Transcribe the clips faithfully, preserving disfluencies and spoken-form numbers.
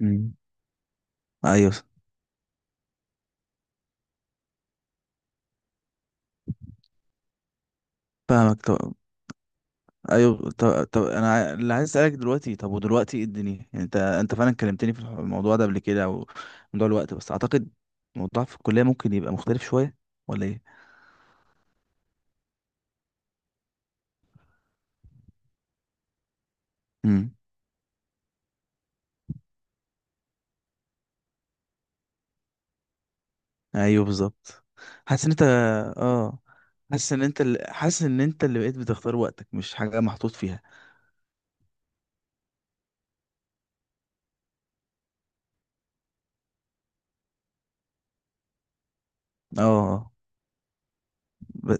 مم. ايوه، فاهمك. طب ايوه، طب, طب انا عاي- اللي عايز اسالك دلوقتي. طب ودلوقتي ايه الدنيا؟ يعني انت انت فعلا كلمتني في الموضوع ده قبل كده، او موضوع الوقت بس اعتقد. الموضوع في الكليه ممكن يبقى مختلف شويه، ولا ايه؟ امم. ايوه بالظبط. حاسس ان انت اه حاسس ان انت اللي... حاسس ان انت اللي بقيت بتختار وقتك، مش حاجه محطوط فيها. اه. آه، ب...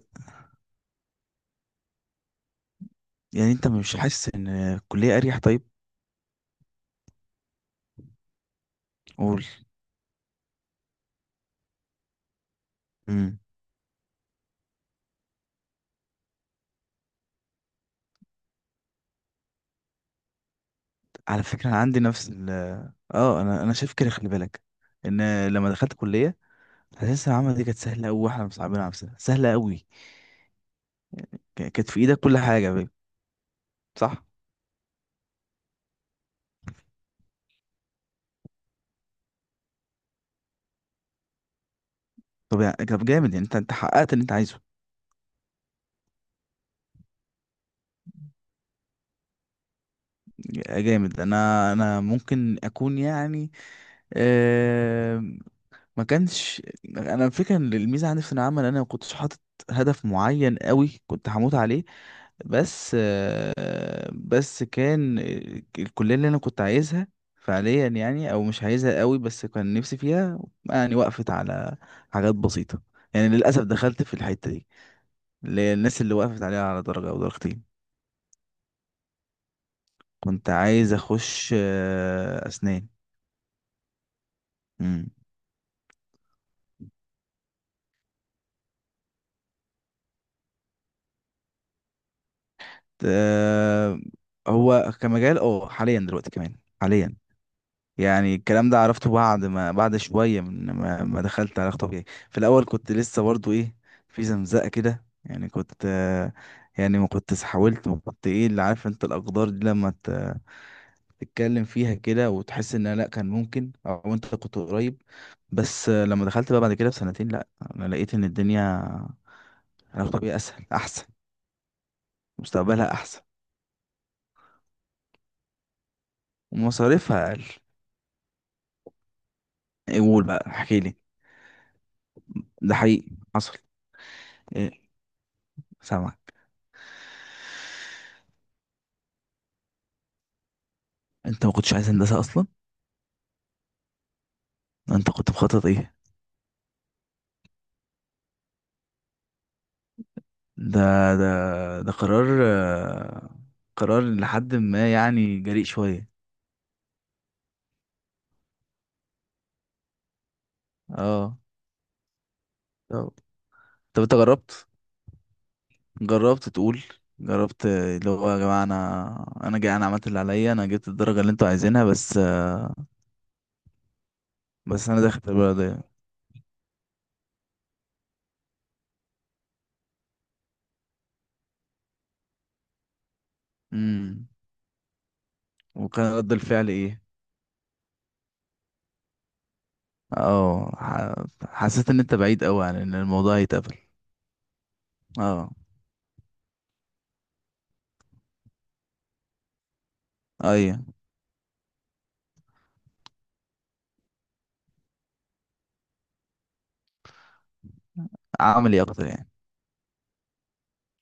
يعني انت مش حاسس ان الكليه اريح؟ طيب، قول. على فكرة أنا عندي نفس ال اه أنا أنا شايف كده. خلي بالك إن لما دخلت كلية، حاسس العمل دي كانت سهلة أوي وإحنا مصعبين على نفسنا سهلة أوي. ك- كانت في إيدك كل حاجة بقى. صح؟ طب يعني طب جامد يعني، أنت أنت حققت اللي أنت عايزه. جامد. أنا أنا ممكن أكون يعني آه ما كانش. أنا الفكرة إن الميزة عندي في العمل، أنا ما كنتش حاطط هدف معين أوي كنت هموت عليه. بس آه، بس كان الكلية اللي أنا كنت عايزها فعليا يعني، أو مش عايزها قوي بس كان نفسي فيها يعني. وقفت على حاجات بسيطة يعني. للأسف دخلت في الحتة دي، اللي هي الناس اللي وقفت عليها على درجة أو درجتين. كنت عايز أخش آه، أسنان. مم. آه، هو كمجال اه حاليا دلوقتي كمان، حاليا. يعني الكلام ده عرفته بعد ما، بعد شوية من ما, ما دخلت علاقة طبيعية. في الأول كنت لسه برضو إيه، في زمزقة كده يعني. كنت آه، يعني ما كنت حاولت، ما كنت إيه اللي، عارف أنت الأقدار دي لما ت- تتكلم فيها كده وتحس إن لأ كان ممكن، أو أنت كنت قريب. بس آه، لما دخلت بقى بعد كده بسنتين، لأ، أنا لقيت إن الدنيا، علاقة طبيعية أسهل، أحسن، مستقبلها أحسن، ومصاريفها أقل. إيه؟ قول بقى، احكيلي. ده حقيقي حصل؟ إيه؟ سامع. انت ما كنتش عايز هندسة اصلا. انت كنت مخطط ايه؟ ده ده ده قرار آه، قرار لحد ما يعني جريء شوية. اه. طب، طب انت جربت؟ جربت تقول؟ جربت آه، اللي هو يا جماعة انا، انا جاي، انا عملت اللي عليا، انا جبت الدرجة اللي انتوا عايزينها، بس آه، بس انا داخل البلد دي. امم. وكان رد الفعل ايه؟ اه، ح- حسيت ان انت بعيد قوي عن ان الموضوع يتقبل. اه ايوه. عملي اكتر يعني.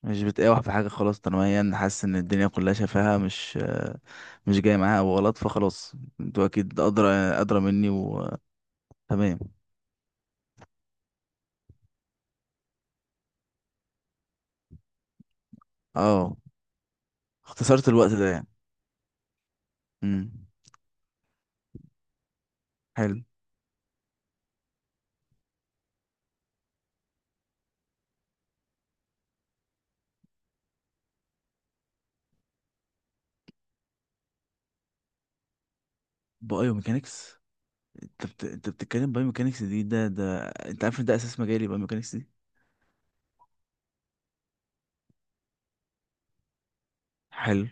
مش بتقاوح في حاجة، خلاص تنميا، حاسس ان الدنيا كلها شفاها، مش مش جاي معاها أو غلط، فخلاص انتوا اكيد ادرى، ادرى مني. وتمام. اه، اختصرت الوقت ده يعني. امم. حلو. بايوميكانكس؟ انت بت... انت بتتكلم بايوميكانكس دي؟ ده ده انت عارف ان ده اساس مجالي بايوميكانكس دي. حلو.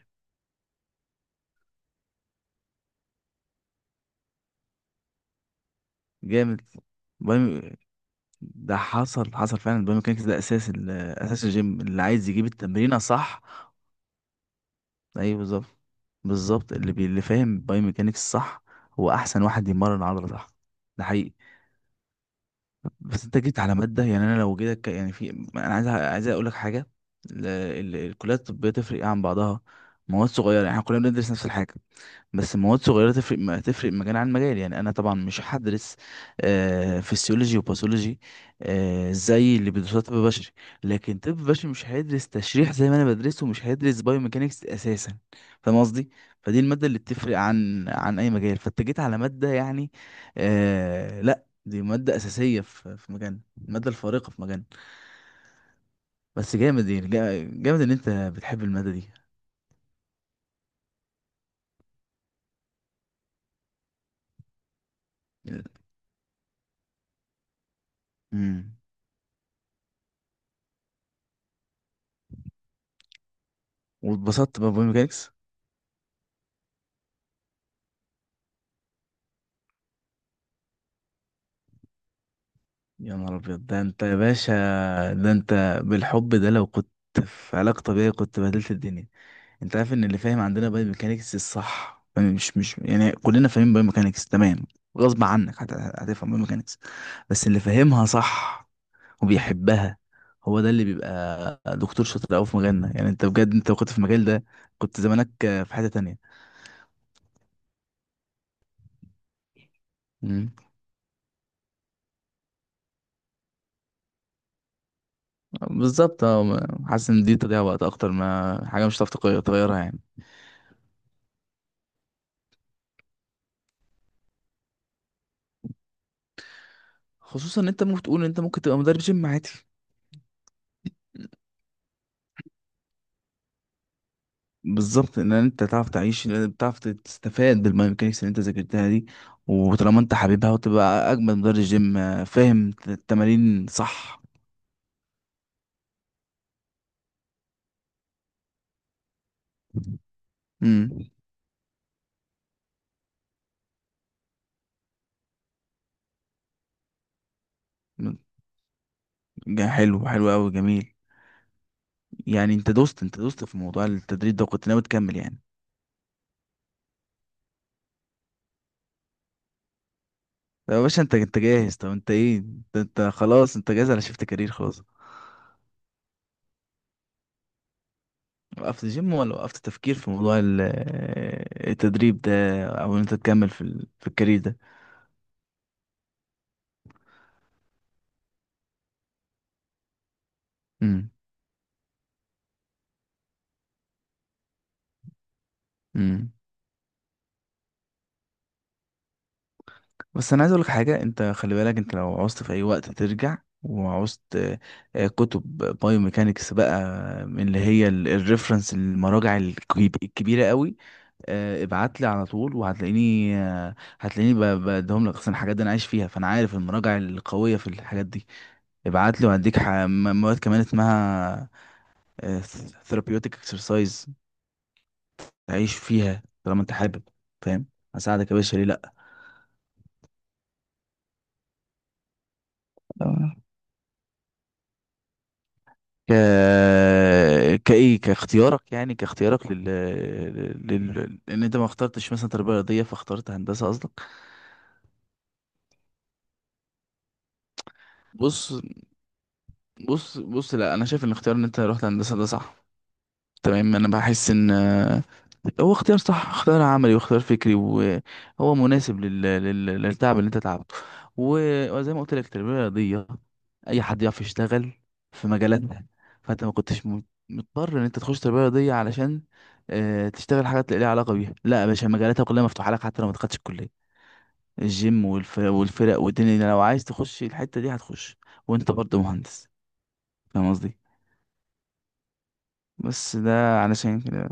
جامد. بايو... ده حصل، حصل فعلا. البايوميكانكس ده اساس ال... اساس الجيم اللي عايز يجيب التمرينه صح. ايوه بالظبط. بالظبط. اللي بي... اللي فاهم بايوميكانكس صح، هو احسن واحد يمرن عضله صح. ده حقيقي. بس انت جيت على ماده، يعني انا لو جيتك يعني في، انا عايز، عايز اقول لك حاجه. ال... ال... الكليات الطبيه تفرق ايه عن بعضها؟ مواد صغيره. يعني احنا كلنا بندرس نفس الحاجه، بس مواد صغيرة تفرق، ما تفرق مجال عن مجال. يعني أنا طبعا مش هدرس آه، فسيولوجي وباثولوجي، آه، زي اللي بيدرسوها طب بشري، لكن طب بشري مش هيدرس تشريح زي ما أنا بدرسه، ومش هيدرس بايوميكانكس أساسا. فاهم قصدي؟ فدي المادة اللي بتفرق عن عن أي مجال، فأنت جيت على مادة يعني، آه، لأ دي مادة أساسية في في مجالنا. المادة الفارقة في مجالنا. بس جامد يعني، جا- جامد إن أنت بتحب المادة دي. امم. واتبسطت بقى بميكانكس. يا نهار ابيض، ده انت يا باشا. ده انت، بالحب ده لو كنت في علاقة طبيعية كنت بهدلت الدنيا. انت عارف ان اللي فاهم عندنا باي ميكانيكس الصح فاهم؟ مش مش يعني كلنا فاهمين باي ميكانيكس تمام، غصب عنك هت- هتفهم باي ميكانيكس. بس اللي فاهمها صح وبيحبها، هو ده اللي بيبقى دكتور شاطر قوي في مجالنا. يعني انت بجد، انت لو كنت في المجال ده كنت زمانك في حتة تانية. مم. بالظبط. اه، ما- حاسس ان دي تضيع وقت اكتر ما حاجة مش هتعرف تغير- تغيرها يعني. خصوصا ان انت ممكن تقول ان انت ممكن تبقى مدرب جيم عادي. بالظبط، ان انت تعرف تعيش، بتعرف تستفاد بالميكانيكس اللي انت ذاكرتها دي. وطالما انت حبيبها، وتبقى اجمد مدرب جيم، آه، فاهم التمارين صح. امم. جا- حلو، حلو قوي، جميل. يعني انت دوست، انت دوست في موضوع التدريب ده وكنت ناوي تكمل يعني. طب يا باشا انت، انت جاهز. طب انت ايه، انت, انت خلاص، انت جاهز على شيفت كارير خلاص. وقفت جيم، ولا وقفت تفكير في موضوع ال- التدريب ده، او ان انت تكمل في ال- في الكارير ده؟ امم. إمم. بس انا عايز اقولك حاجه، انت خلي بالك، انت لو عوزت في اي وقت ترجع، وعوزت آه، آه، كتب بايو ميكانيكس بقى، من اللي هي ال- الريفرنس، المراجع الكبي- الكبيره قوي، آه، ابعت لي على طول، وهتلاقيني آه، هتلاقيني ب- بديهم لك اصلا. الحاجات دي انا عايش فيها، فانا عارف المراجع القويه في الحاجات دي. ابعت لي وهديك ح- م- مواد كمان اسمها ثيرابيوتيك اكسرسايز. تعيش فيها طالما انت حابب. فاهم. هساعدك يا باشا، ليه. لا. ك كايه، كاختيارك يعني، كاختيارك لل... لل... لان انت ما اخترتش مثلا تربيه رياضيه، فاخترت هندسه قصدك. بص، بص، بص، لا انا شايف ان اختيار ان انت رحت هندسه ده صح، تمام. انا بحس ان آه، هو اختيار صح، اختيار عملي واختيار فكري، وهو مناسب لل... لل... للتعب اللي انت تعبته. و- وزي ما قلت لك، التربيه الرياضيه اي حد يعرف يشتغل في مجالاتها. فانت ما كنتش م- مضطر ان انت تخش تربيه رياضيه علشان آه، تشتغل حاجات ليها علاقه بيها. لا يا باشا، مجالاتها كلها مفتوحه لك حتى لو ما دخلتش الكليه. الجيم والف... والفرق والدنيا، لو عايز تخش الحته دي هتخش، وانت برضه مهندس. فاهم قصدي؟ بس ده علشان كده.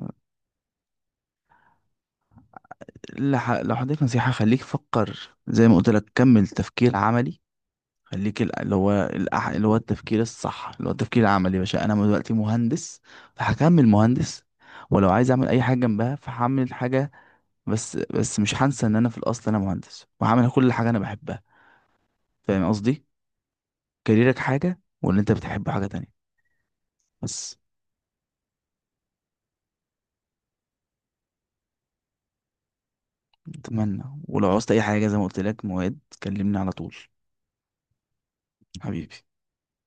لح- لو حضرتك نصيحة، خليك فكر، زي ما قلت لك كمل تفكير عملي. خليك ال- اللي هو الأح- اللي هو التفكير الصح، اللي هو التفكير العملي. يا باشا أنا دلوقتي مهندس، فهكمل مهندس. ولو عايز أعمل أي حاجة جنبها فهعمل حاجة. بس بس مش هنسى إن أنا في الأصل أنا مهندس، وهعمل كل حاجة أنا بحبها. فاهم قصدي؟ كاريرك حاجة، واللي أنت بتحبه حاجة تانية. بس. أتمنى، ولو عوزت أي حاجة زي ما قلت لك مواد، كلمني على طول. حبيبي.